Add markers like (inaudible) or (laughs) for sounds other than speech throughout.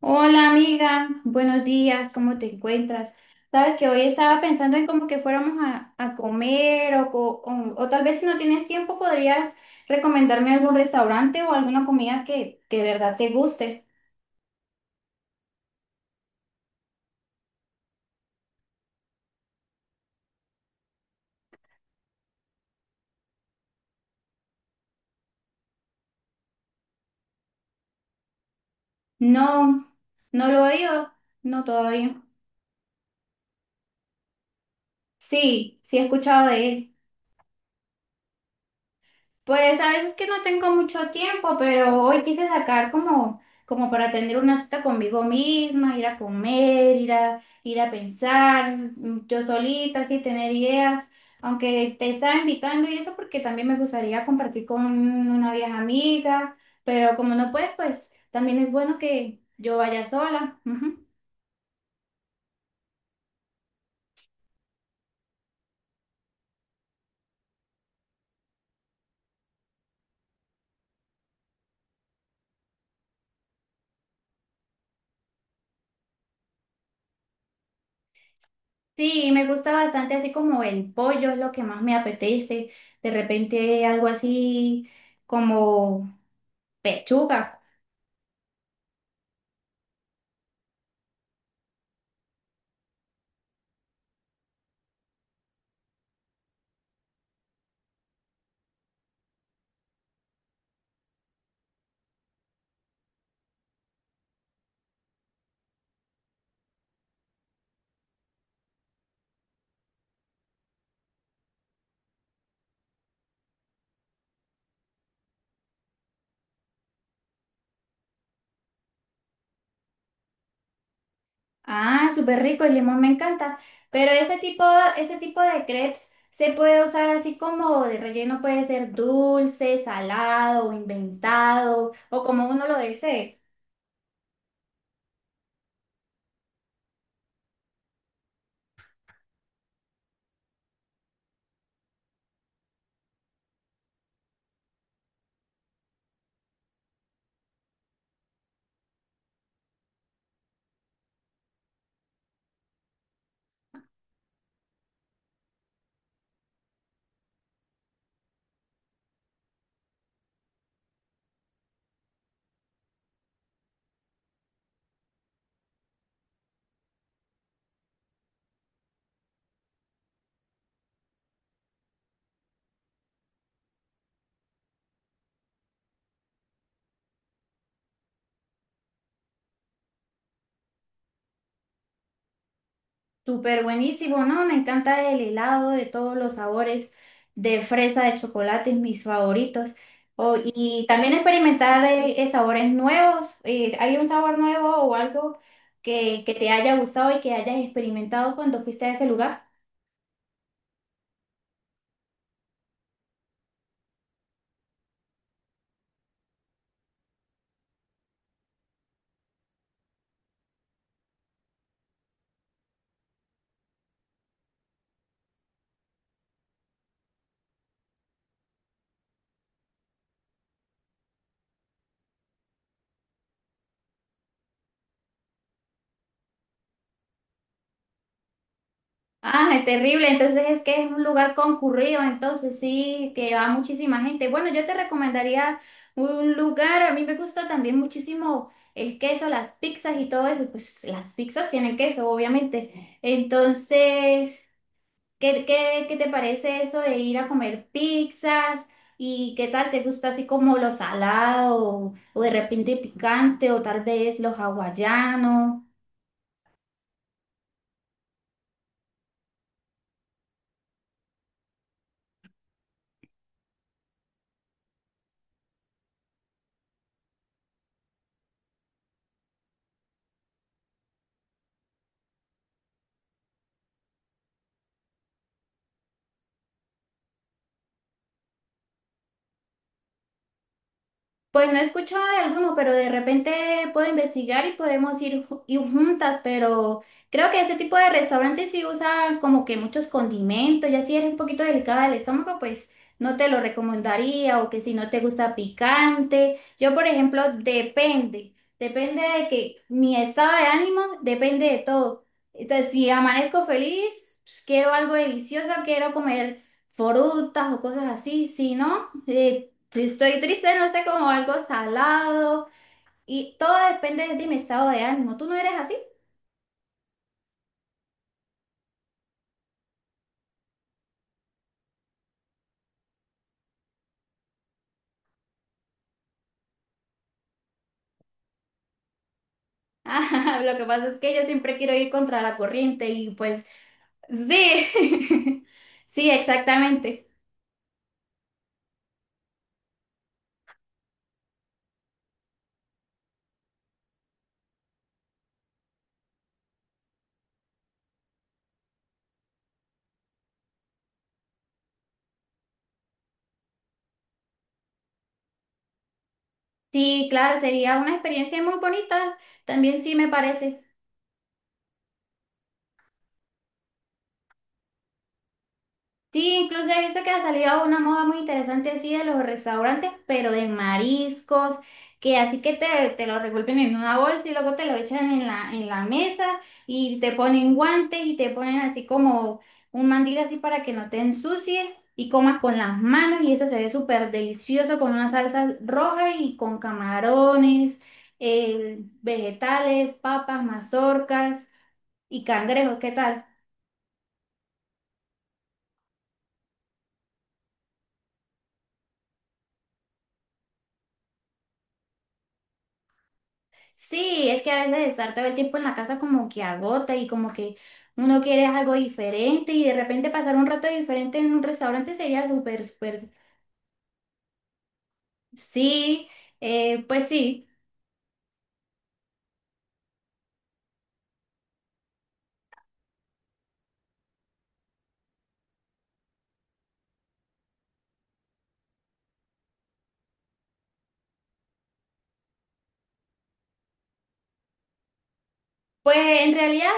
Hola amiga, buenos días, ¿cómo te encuentras? Sabes que hoy estaba pensando en como que fuéramos a comer o tal vez si no tienes tiempo podrías recomendarme algún restaurante o alguna comida que de verdad te guste. No, no lo he oído, no todavía. Sí, sí he escuchado de él. Pues a veces que no tengo mucho tiempo, pero hoy quise sacar como, como para tener una cita conmigo misma, ir a comer, ir a pensar, yo solita, así tener ideas, aunque te estaba invitando y eso porque también me gustaría compartir con una vieja amiga, pero como no puedes, pues también es bueno que yo vaya sola. Ujú. Sí, me gusta bastante así como el pollo, es lo que más me apetece, de repente algo así como... Pechuga. Ah, súper rico, el limón me encanta. Pero ese tipo de crepes se puede usar así como de relleno, puede ser dulce, salado o inventado, o como uno lo desee. Súper buenísimo, ¿no? Me encanta el helado de todos los sabores, de fresa, de chocolate, mis favoritos. O- y también experimentar sabores nuevos. ¿Hay un sabor nuevo o algo que te haya gustado y que hayas experimentado cuando fuiste a ese lugar? Ah, es terrible. Entonces es que es un lugar concurrido, entonces sí, que va muchísima gente. Bueno, yo te recomendaría un lugar, a mí me gusta también muchísimo el queso, las pizzas y todo eso. Pues las pizzas tienen queso, obviamente. Entonces, ¿qué te parece eso de ir a comer pizzas? ¿Y qué tal te gusta así como lo salado o de repente picante o tal vez los hawaianos? Pues no he escuchado de alguno, pero de repente puedo investigar y podemos ir, ir juntas, pero creo que ese tipo de restaurantes sí usa como que muchos condimentos, ya si eres un poquito delicada del estómago, pues no te lo recomendaría, o que si no te gusta picante. Yo, por ejemplo, depende, depende de que mi estado de ánimo, depende de todo. Entonces, si amanezco feliz, pues, quiero algo delicioso, quiero comer frutas o cosas así, si no, si estoy triste, no sé, como algo salado. Y todo depende de mi estado de ánimo. ¿Tú no eres así? (laughs) Ah, lo que pasa es que yo siempre quiero ir contra la corriente y pues sí, (laughs) sí, exactamente. Sí, claro, sería una experiencia muy bonita. También sí me parece. Sí, incluso he visto que ha salido una moda muy interesante así de los restaurantes, pero de mariscos, que así que te lo revuelven en una bolsa y luego te lo echan en la mesa y te ponen guantes y te ponen así como un mandil así para que no te ensucies y comas con las manos y eso se ve súper delicioso con una salsa roja y con camarones, vegetales, papas, mazorcas y cangrejos, ¿qué tal? Sí, es que a veces estar todo el tiempo en la casa como que agota y como que uno quiere algo diferente y de repente pasar un rato diferente en un restaurante sería súper, súper, sí, pues sí, pues en realidad.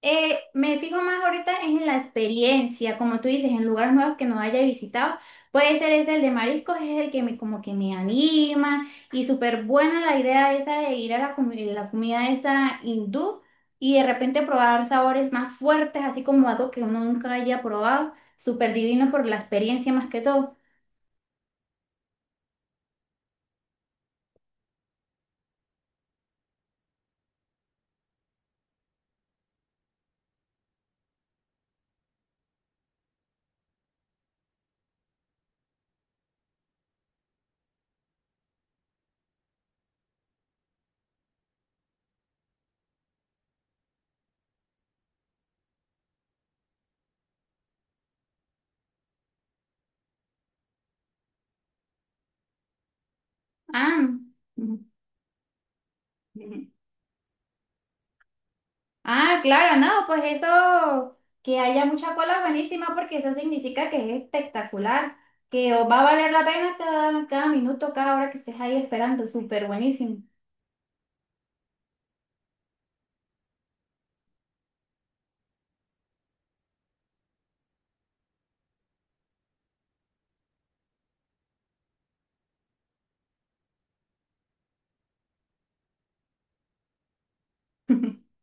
Me fijo más ahorita en la experiencia, como tú dices, en lugares nuevos que no haya visitado. Puede ser ese el de mariscos, es el que me como que me anima y súper buena la idea esa de ir a la, la comida esa hindú y de repente probar sabores más fuertes, así como algo que uno nunca haya probado. Súper divino por la experiencia más que todo. Ah. (laughs) Ah, claro, no, pues eso, que haya mucha cola es buenísima porque eso significa que es espectacular, que os va a valer la pena cada, cada minuto, cada hora que estés ahí esperando, súper buenísimo. (laughs)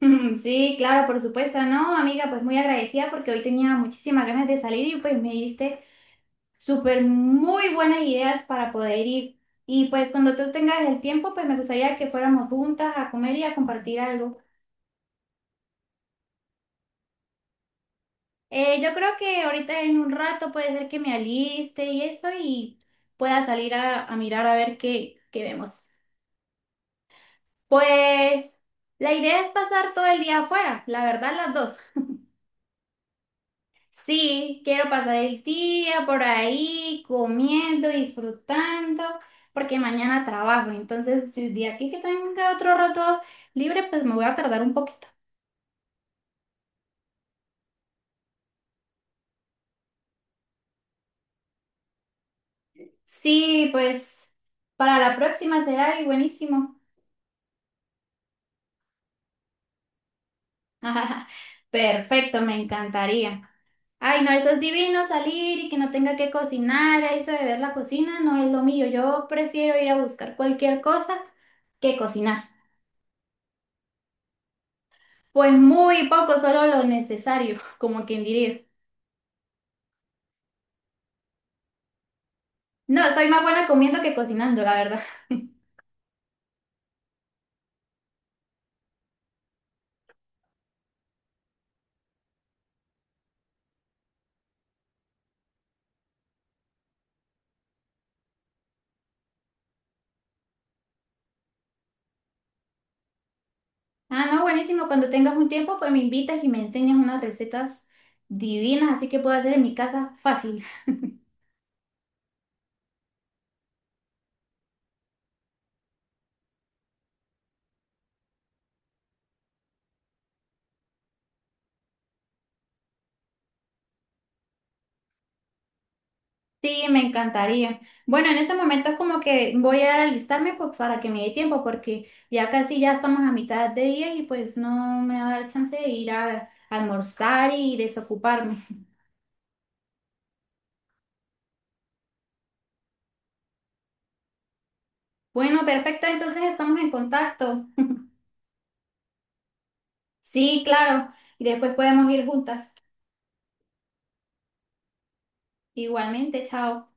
Mm, sí, claro, por supuesto, no, amiga, pues muy agradecida porque hoy tenía muchísimas ganas de salir y pues me diste súper muy buenas ideas para poder ir. Y pues cuando tú tengas el tiempo, pues me gustaría que fuéramos juntas a comer y a compartir algo. Yo creo que ahorita en un rato puede ser que me aliste y eso y pueda salir a mirar a ver qué vemos. Pues la idea es pasar todo el día afuera, la verdad las dos. Sí, quiero pasar el día por ahí comiendo, disfrutando, porque mañana trabajo. Entonces, el día aquí que tenga otro rato libre, pues me voy a tardar un poquito. Sí, pues para la próxima será y buenísimo. (laughs) Perfecto, me encantaría. Ay, no, eso es divino salir y que no tenga que cocinar, eso de ver la cocina no es lo mío. Yo prefiero ir a buscar cualquier cosa que cocinar. Pues muy poco, solo lo necesario, (laughs) como quien diría. No, soy más buena comiendo que cocinando, la verdad. (laughs) Ah, no, buenísimo. Cuando tengas un tiempo, pues me invitas y me enseñas unas recetas divinas, así que puedo hacer en mi casa fácil. Sí, me encantaría. Bueno, en este momento es como que voy a alistarme pues, para que me dé tiempo, porque ya casi ya estamos a mitad de día y pues no me va a dar chance de ir a almorzar y desocuparme. Bueno, perfecto, entonces estamos en contacto. Sí, claro, y después podemos ir juntas. Igualmente, chao.